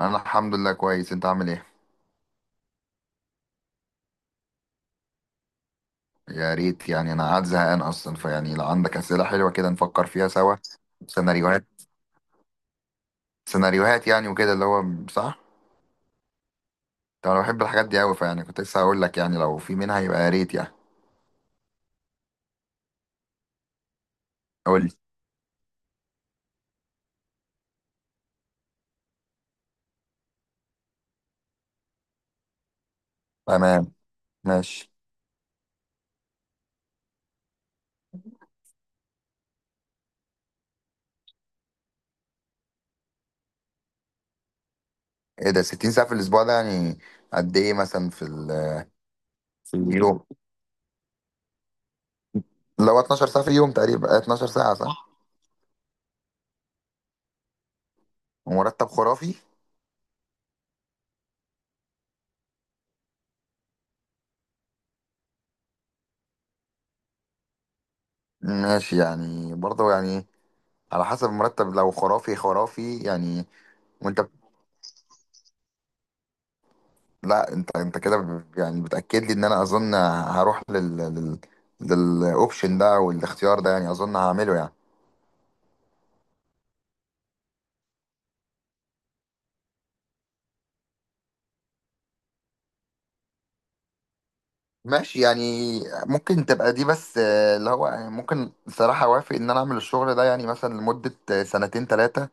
انا الحمد لله كويس. انت عامل ايه؟ يا ريت، يعني انا قاعد زهقان اصلا، فيعني لو عندك اسئله حلوه كده نفكر فيها سوا. سيناريوهات، سيناريوهات يعني وكده اللي هو، صح. طب انا بحب الحاجات دي قوي، فيعني كنت لسه هقول لك يعني لو في منها يبقى يا ريت يعني. قول لي. تمام. ماشي. ايه ده؟ 60 ساعه في الاسبوع ده يعني قد ايه مثلا في ال، في اليوم؟ لو 12 ساعه في اليوم تقريبا، 12 ساعه صح؟ ومرتب خرافي. ماشي يعني، برضه يعني على حسب المرتب، لو خرافي خرافي يعني. وانت، لا انت، انت كده يعني بتاكد لي ان انا اظن هروح لل للاوبشن ده والاختيار ده، يعني اظن هعمله يعني. ماشي يعني، ممكن تبقى دي، بس اللي هو يعني ممكن صراحة اوافق ان انا اعمل الشغل ده يعني مثلا لمدة سنتين ثلاثة،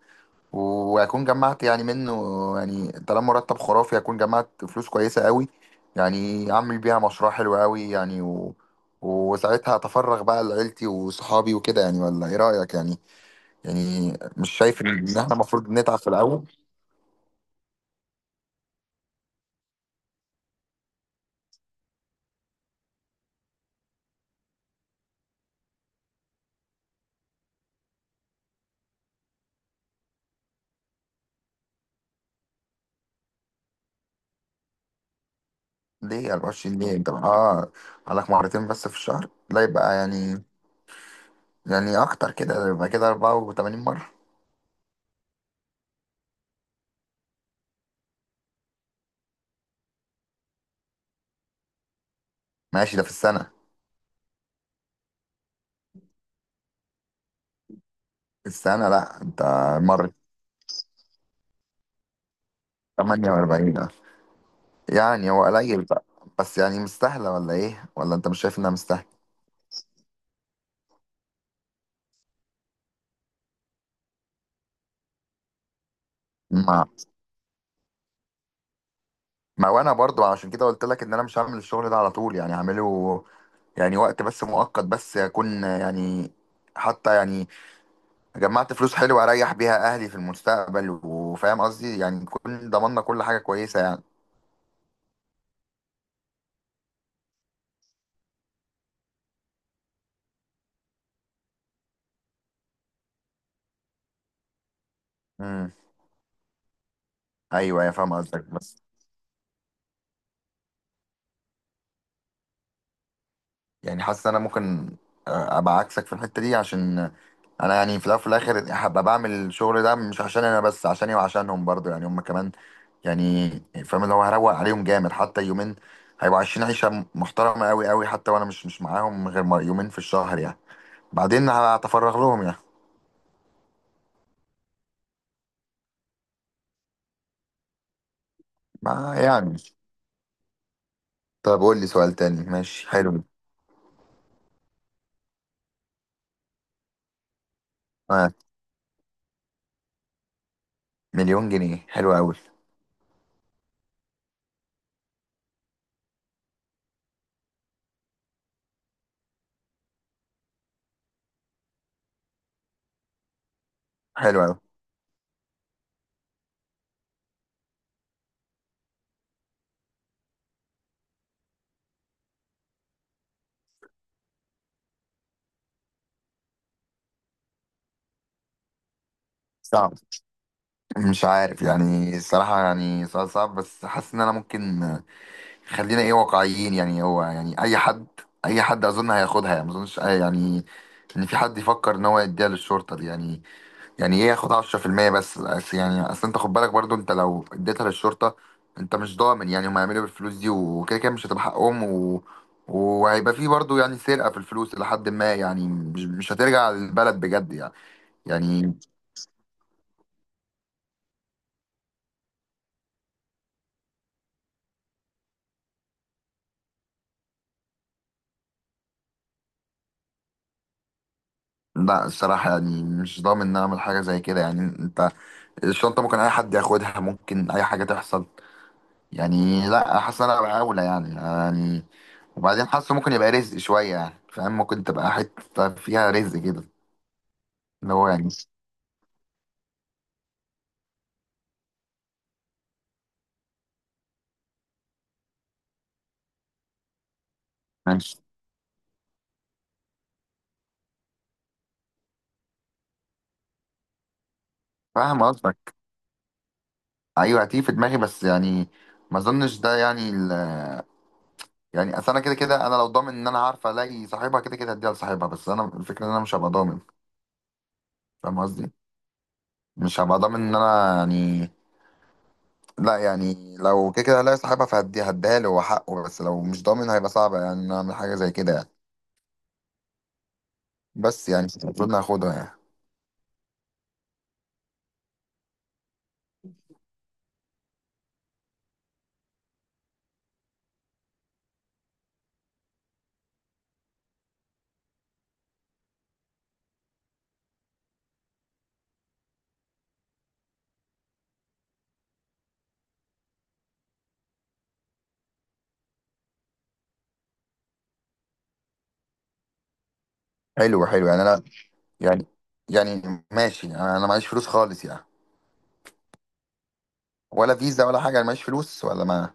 واكون جمعت يعني منه. يعني طالما مرتب خرافي، اكون جمعت فلوس كويسة قوي، يعني اعمل بيها مشروع حلو قوي يعني، وساعتها اتفرغ بقى لعيلتي وصحابي وكده يعني. ولا ايه رأيك يعني؟ يعني مش شايف ان إن احنا المفروض نتعب في الاول؟ ليه 24 جنيه؟ انت اه عليك مرتين بس في الشهر؟ لا، يبقى يعني، يعني اكتر كده، يبقى كده 84 مره. ماشي، ده في السنه؟ في السنه، لا انت، مره، 48 ده، يعني هو قليل بقى؟ بس يعني مستاهله ولا ايه؟ ولا انت مش شايف انها مستاهله؟ ما ما وانا برضو عشان كده قلت لك ان انا مش هعمل الشغل ده على طول، يعني هعمله يعني وقت بس، مؤقت بس يكون يعني، حتى يعني جمعت فلوس حلوة اريح بيها اهلي في المستقبل. وفاهم قصدي يعني، كل، ضمننا كل حاجة كويسة يعني. امم ايوه، يا فاهم قصدك، بس يعني حاسس ان انا ممكن، ابقى عكسك في الحتة دي، عشان انا يعني في الاول وفي الاخر هبقى بعمل الشغل ده مش عشان انا بس، عشاني وعشانهم برضو يعني، هم كمان يعني. فاهم اللي هو هروق عليهم جامد، حتى يومين هيبقوا عايشين عيشه محترمه قوي قوي، حتى وانا مش معاهم غير يومين في الشهر يعني. بعدين هتفرغ لهم يعني. ما يعني، طب قول لي سؤال تاني، ماشي، حلو. آه. مليون جنيه حلو أوي. حلو أوي. صعب، مش عارف يعني الصراحة، يعني سؤال صعب. بس حاسس إن أنا ممكن خلينا إيه، واقعيين يعني. هو يعني أي حد، أي حد أظن هياخدها يعني. ما أظنش يعني إن في حد يفكر إن هو يديها للشرطة دي يعني، يعني إيه ياخد 10%. بس يعني أصل أنت خد بالك برضو، أنت لو اديتها للشرطة أنت مش ضامن يعني هم هيعملوا إيه بالفلوس دي. وكده كده مش هتبقى حقهم، وهيبقى في برضو يعني سرقة في الفلوس لحد ما، يعني مش هترجع للبلد بجد يعني. يعني لا، الصراحة يعني مش ضامن إن أنا أعمل حاجة زي كده يعني. أنت الشنطة ممكن أي حد ياخدها، ممكن أي حاجة تحصل يعني. لا، حاسس إن أنا أبقى أولى يعني يعني. وبعدين حاسه ممكن يبقى رزق شوية يعني، فاهم، ممكن تبقى حتة فيها رزق كده. اللي هو يعني، ماشي. فاهم قصدك. أيوة هتيجي في دماغي بس يعني ما أظنش ده يعني يعني أصل أنا كده كده أنا لو ضامن إن أنا عارف ألاقي صاحبها كده كده هديها لصاحبها. بس أنا الفكرة إن أنا مش هبقى ضامن. فاهم قصدي؟ مش هبقى ضامن إن أنا يعني، لا يعني لو كده كده هلاقي صاحبها فهدي هديها له، هو حقه. بس لو مش ضامن هيبقى صعب يعني إن أنا اعمل حاجه زي كده يعني. بس يعني المفروض إني هاخدها يعني. حلو، حلو يعني انا، يعني، يعني ماشي انا معيش فلوس خالص يعني، ولا فيزا ولا حاجه، انا معيش فلوس ولا ما،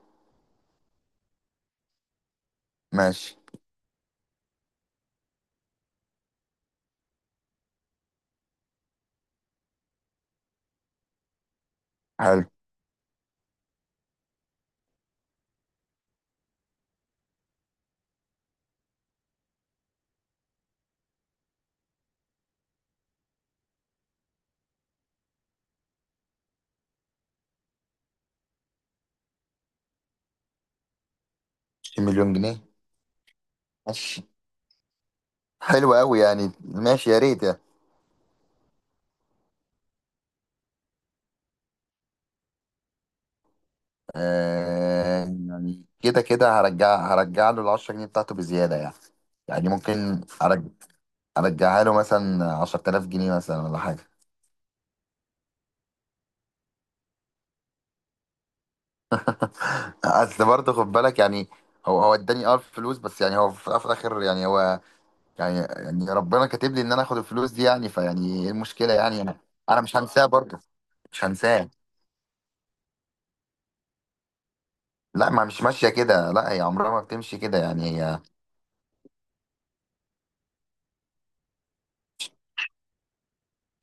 ماشي، حلو. 20 مليون جنيه. ماشي، حلو قوي يعني، ماشي يا ريت يعني. آه يعني كده كده هرجع، له ال 10 جنيه بتاعته بزياده يعني. يعني ممكن ارجعها له مثلا 10000 جنيه مثلا، ولا حاجه. اصل برضه خد بالك يعني، هو اداني اه الفلوس، بس يعني هو في الأول وفي الاخر يعني هو يعني، يعني ربنا كاتب لي ان انا اخد الفلوس دي يعني، فيعني ايه المشكله يعني انا. انا مش هنساه برضه. مش هنساه. لا ما، مش ماشيه كده، لا هي عمرها ما بتمشي كده يعني هي.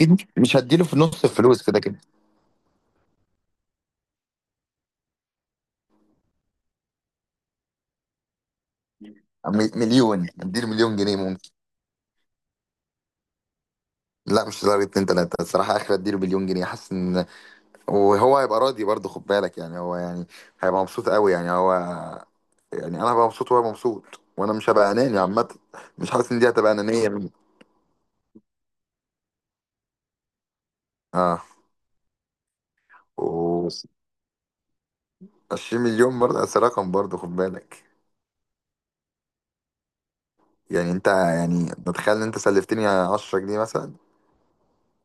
أكيد مش هديله في نص الفلوس كده كده. مليون، اديله مليون جنيه ممكن. لا مش لدرجه اتنين تلاته الصراحه، اخر اديله مليون جنيه. حاسس ان، وهو هيبقى راضي برضه خد بالك يعني، هو يعني هيبقى مبسوط قوي يعني هو، يعني انا هبقى مبسوط وهو مبسوط، وانا مش هبقى اناني عامه. مش حاسس ان دي هتبقى انانيه مني. اه و 20 مليون برضه بس، رقم برضه خد بالك. يعني انت يعني تتخيل ان انت سلفتني 10 جنيه مثلا،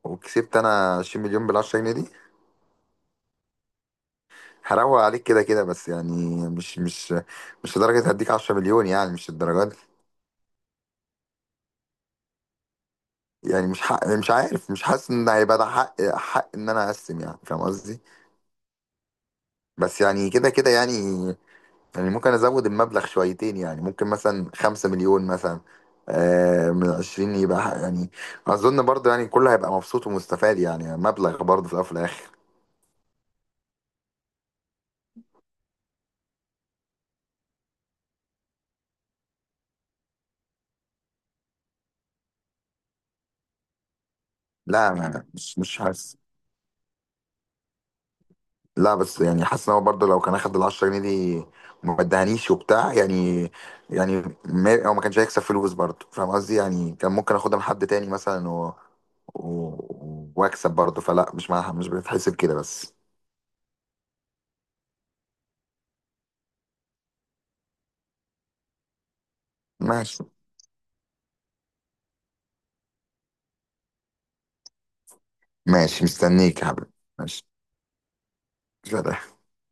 وكسبت انا 20 مليون بال 10 جنيه دي، هروق عليك كده كده بس يعني. مش مش لدرجه هديك 10 مليون يعني، مش الدرجات دي. يعني مش حق، مش عارف، مش حاسس ان هيبقى ده حق، حق ان انا اقسم، يعني فاهم قصدي؟ بس يعني كده كده يعني، يعني ممكن ازود المبلغ شويتين، يعني ممكن مثلا خمسة مليون مثلا من عشرين، يبقى يعني اظن برضه يعني كله هيبقى مبسوط ومستفاد يعني، مبلغ برضه في الاول وفي الاخر. لا مش حاسس، لا بس يعني حاسس ان هو برضه لو كان اخد ال 10 جنيه دي وما ادهانيش وبتاع يعني، يعني ما هو ما كانش هيكسب فلوس برضه فاهم قصدي. يعني كان ممكن اخدها من حد تاني مثلا، و... واكسب برضه. فلا مش مش بتحسب كده بس. ماشي. ماشي مستنيك يا حبيبي. ماشي. سلام.